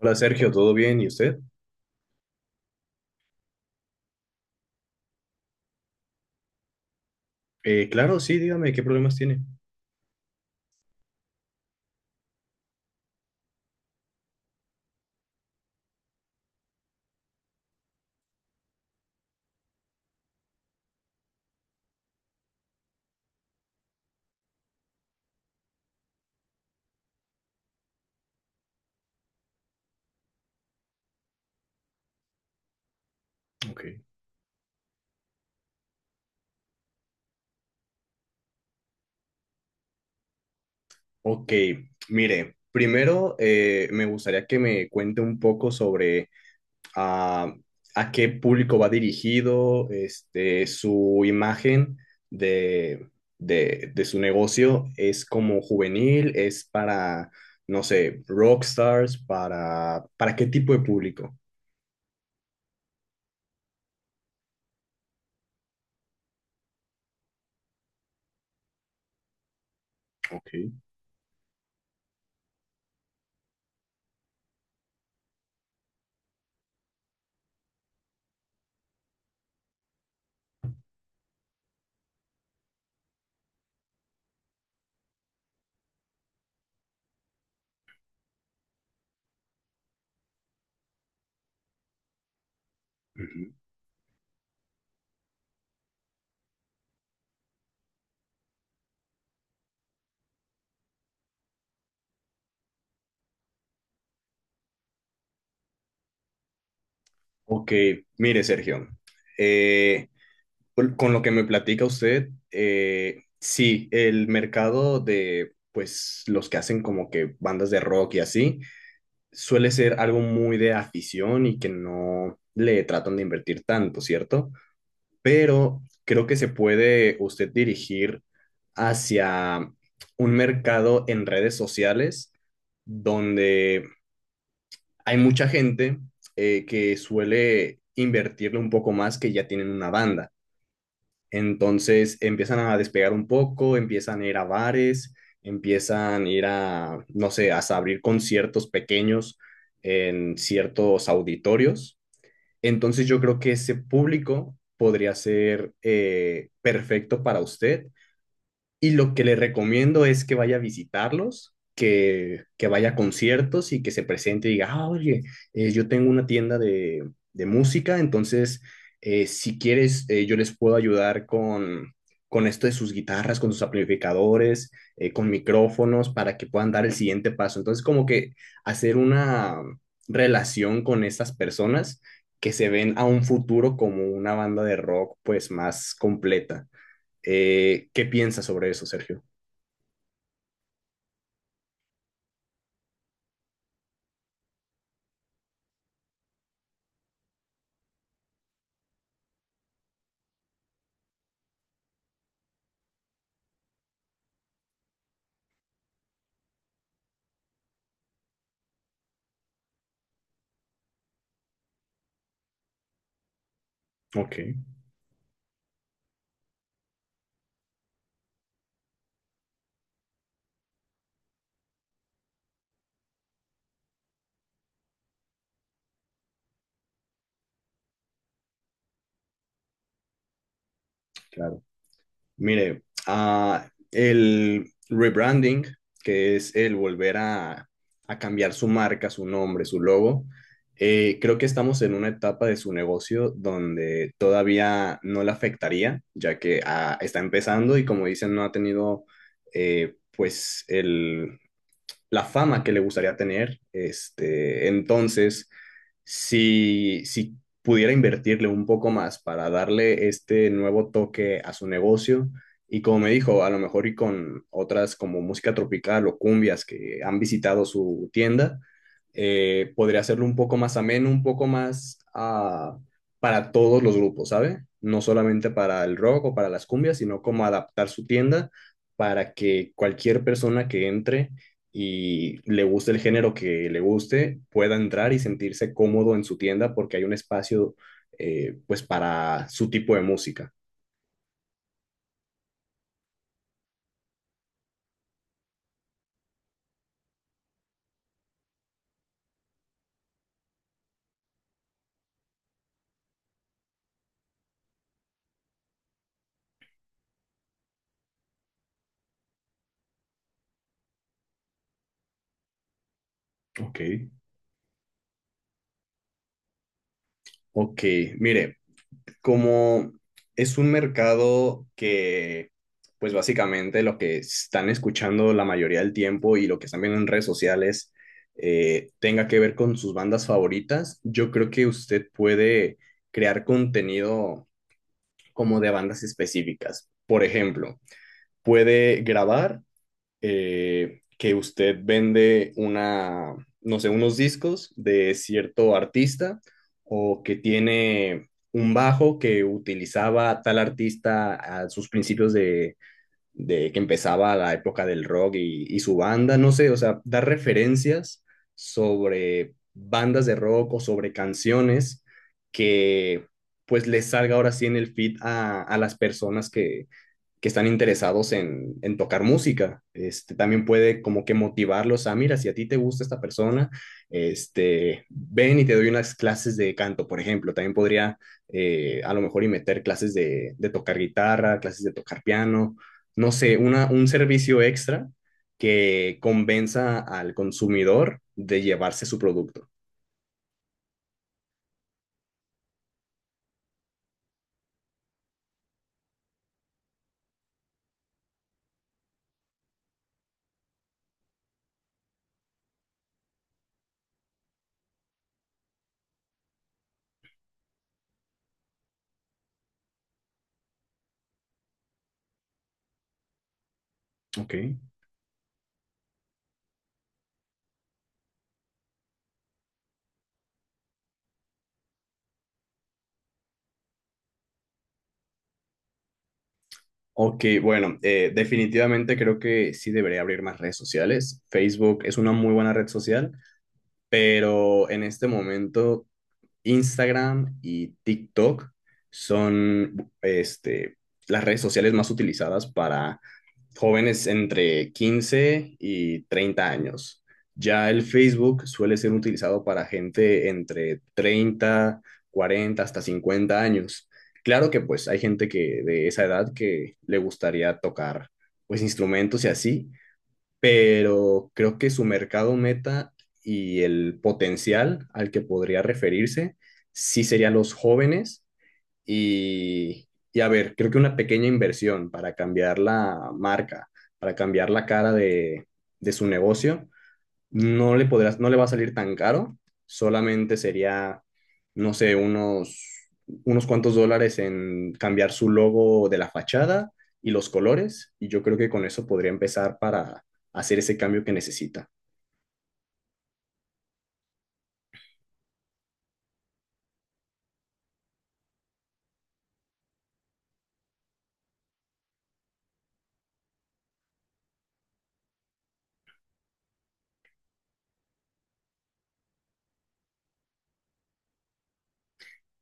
Hola Sergio, ¿todo bien? ¿Y usted? Claro, sí, dígame, ¿qué problemas tiene? Ok. Ok, mire, primero me gustaría que me cuente un poco sobre ah, a qué público va dirigido, este, su imagen de, de su negocio. Es como juvenil, es para, no sé, rockstars, ¿para qué tipo de público? Ok. Ujú. Ok, mire Sergio. eh, con lo que me platica usted, sí, el mercado de, pues, los que hacen como que bandas de rock y así, suele ser algo muy de afición y que no le tratan de invertir tanto, ¿cierto? Pero creo que se puede usted dirigir hacia un mercado en redes sociales donde hay mucha gente que suele invertirle un poco más, que ya tienen una banda. Entonces empiezan a despegar un poco, empiezan a ir a bares, empiezan a ir no sé, a abrir conciertos pequeños en ciertos auditorios. Entonces yo creo que ese público podría ser perfecto para usted, y lo que le recomiendo es que vaya a visitarlos, que vaya a conciertos y que se presente y diga, ah, oye, yo tengo una tienda de, música. Entonces, si quieres, yo les puedo ayudar con, esto de sus guitarras, con sus amplificadores, con micrófonos, para que puedan dar el siguiente paso. Entonces, como que hacer una relación con estas personas, que se ven a un futuro como una banda de rock, pues, más completa. ¿Qué piensas sobre eso, Sergio? Ok, claro. Mire, el rebranding, que es el volver a cambiar su marca, su nombre, su logo, creo que estamos en una etapa de su negocio donde todavía no le afectaría, ya que está empezando y, como dicen, no ha tenido pues la fama que le gustaría tener. Este, entonces, si pudiera invertirle un poco más para darle este nuevo toque a su negocio. Y como me dijo, a lo mejor y con otras como música tropical o cumbias que han visitado su tienda, podría hacerlo un poco más ameno, un poco más para todos los grupos, ¿sabe? No solamente para el rock o para las cumbias, sino como adaptar su tienda para que cualquier persona que entre, y le guste el género que le guste, pueda entrar y sentirse cómodo en su tienda porque hay un espacio pues para su tipo de música. Ok, Ok, mire, como es un mercado que, pues básicamente lo que están escuchando la mayoría del tiempo y lo que están viendo en redes sociales tenga que ver con sus bandas favoritas, yo creo que usted puede crear contenido como de bandas específicas. Por ejemplo, puede grabar que usted vende una, no sé, unos discos de cierto artista, o que tiene un bajo que utilizaba tal artista a sus principios de, que empezaba la época del rock y, su banda, no sé, o sea, dar referencias sobre bandas de rock o sobre canciones que pues les salga ahora sí en el feed a las personas que están interesados en, tocar música. Este, también puede como que motivarlos a, mira, si a ti te gusta esta persona, este, ven y te doy unas clases de canto, por ejemplo. También podría a lo mejor y meter clases de, tocar guitarra, clases de tocar piano, no sé, un servicio extra que convenza al consumidor de llevarse su producto. Ok. Ok, bueno, definitivamente creo que sí debería abrir más redes sociales. Facebook es una muy buena red social, pero en este momento Instagram y TikTok son, este, las redes sociales más utilizadas para jóvenes entre 15 y 30 años. Ya el Facebook suele ser utilizado para gente entre 30, 40, hasta 50 años. Claro que pues hay gente que de esa edad que le gustaría tocar pues instrumentos y así, pero creo que su mercado meta y el potencial al que podría referirse sí serían los jóvenes. Y, a ver, creo que una pequeña inversión para cambiar la marca, para cambiar la cara de, su negocio, no le va a salir tan caro. Solamente sería, no sé, unos cuantos dólares en cambiar su logo de la fachada y los colores, y yo creo que con eso podría empezar para hacer ese cambio que necesita.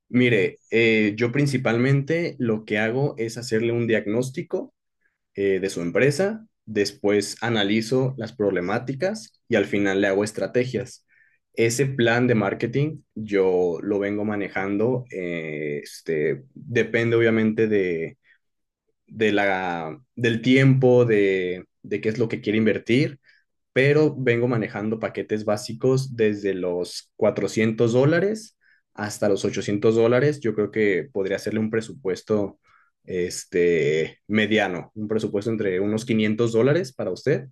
Mire, yo principalmente lo que hago es hacerle un diagnóstico de su empresa, después analizo las problemáticas y al final le hago estrategias. Ese plan de marketing yo lo vengo manejando, este, depende obviamente de, la, del tiempo, de, qué es lo que quiere invertir, pero vengo manejando paquetes básicos desde los $400 hasta los $800. Yo creo que podría hacerle un presupuesto, este, mediano, un presupuesto entre unos $500 para usted.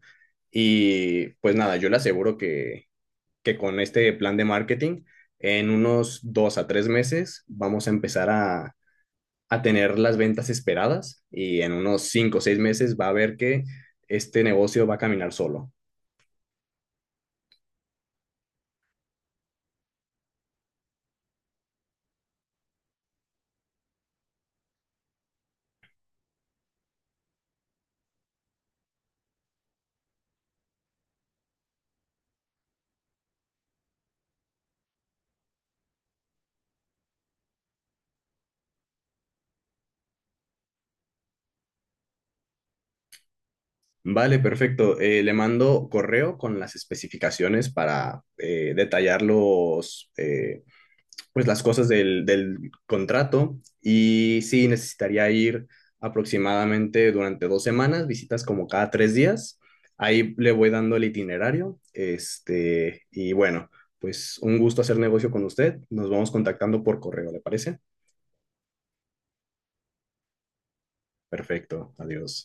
Y pues nada, yo le aseguro que, con este plan de marketing, en unos 2 a 3 meses vamos a empezar a tener las ventas esperadas, y en unos 5 o 6 meses va a ver que este negocio va a caminar solo. Vale, perfecto. Le mando correo con las especificaciones para detallar pues las cosas del, contrato. Y sí, necesitaría ir aproximadamente durante 2 semanas, visitas como cada 3 días. Ahí le voy dando el itinerario. Este, y bueno, pues un gusto hacer negocio con usted. Nos vamos contactando por correo, ¿le parece? Perfecto. Adiós.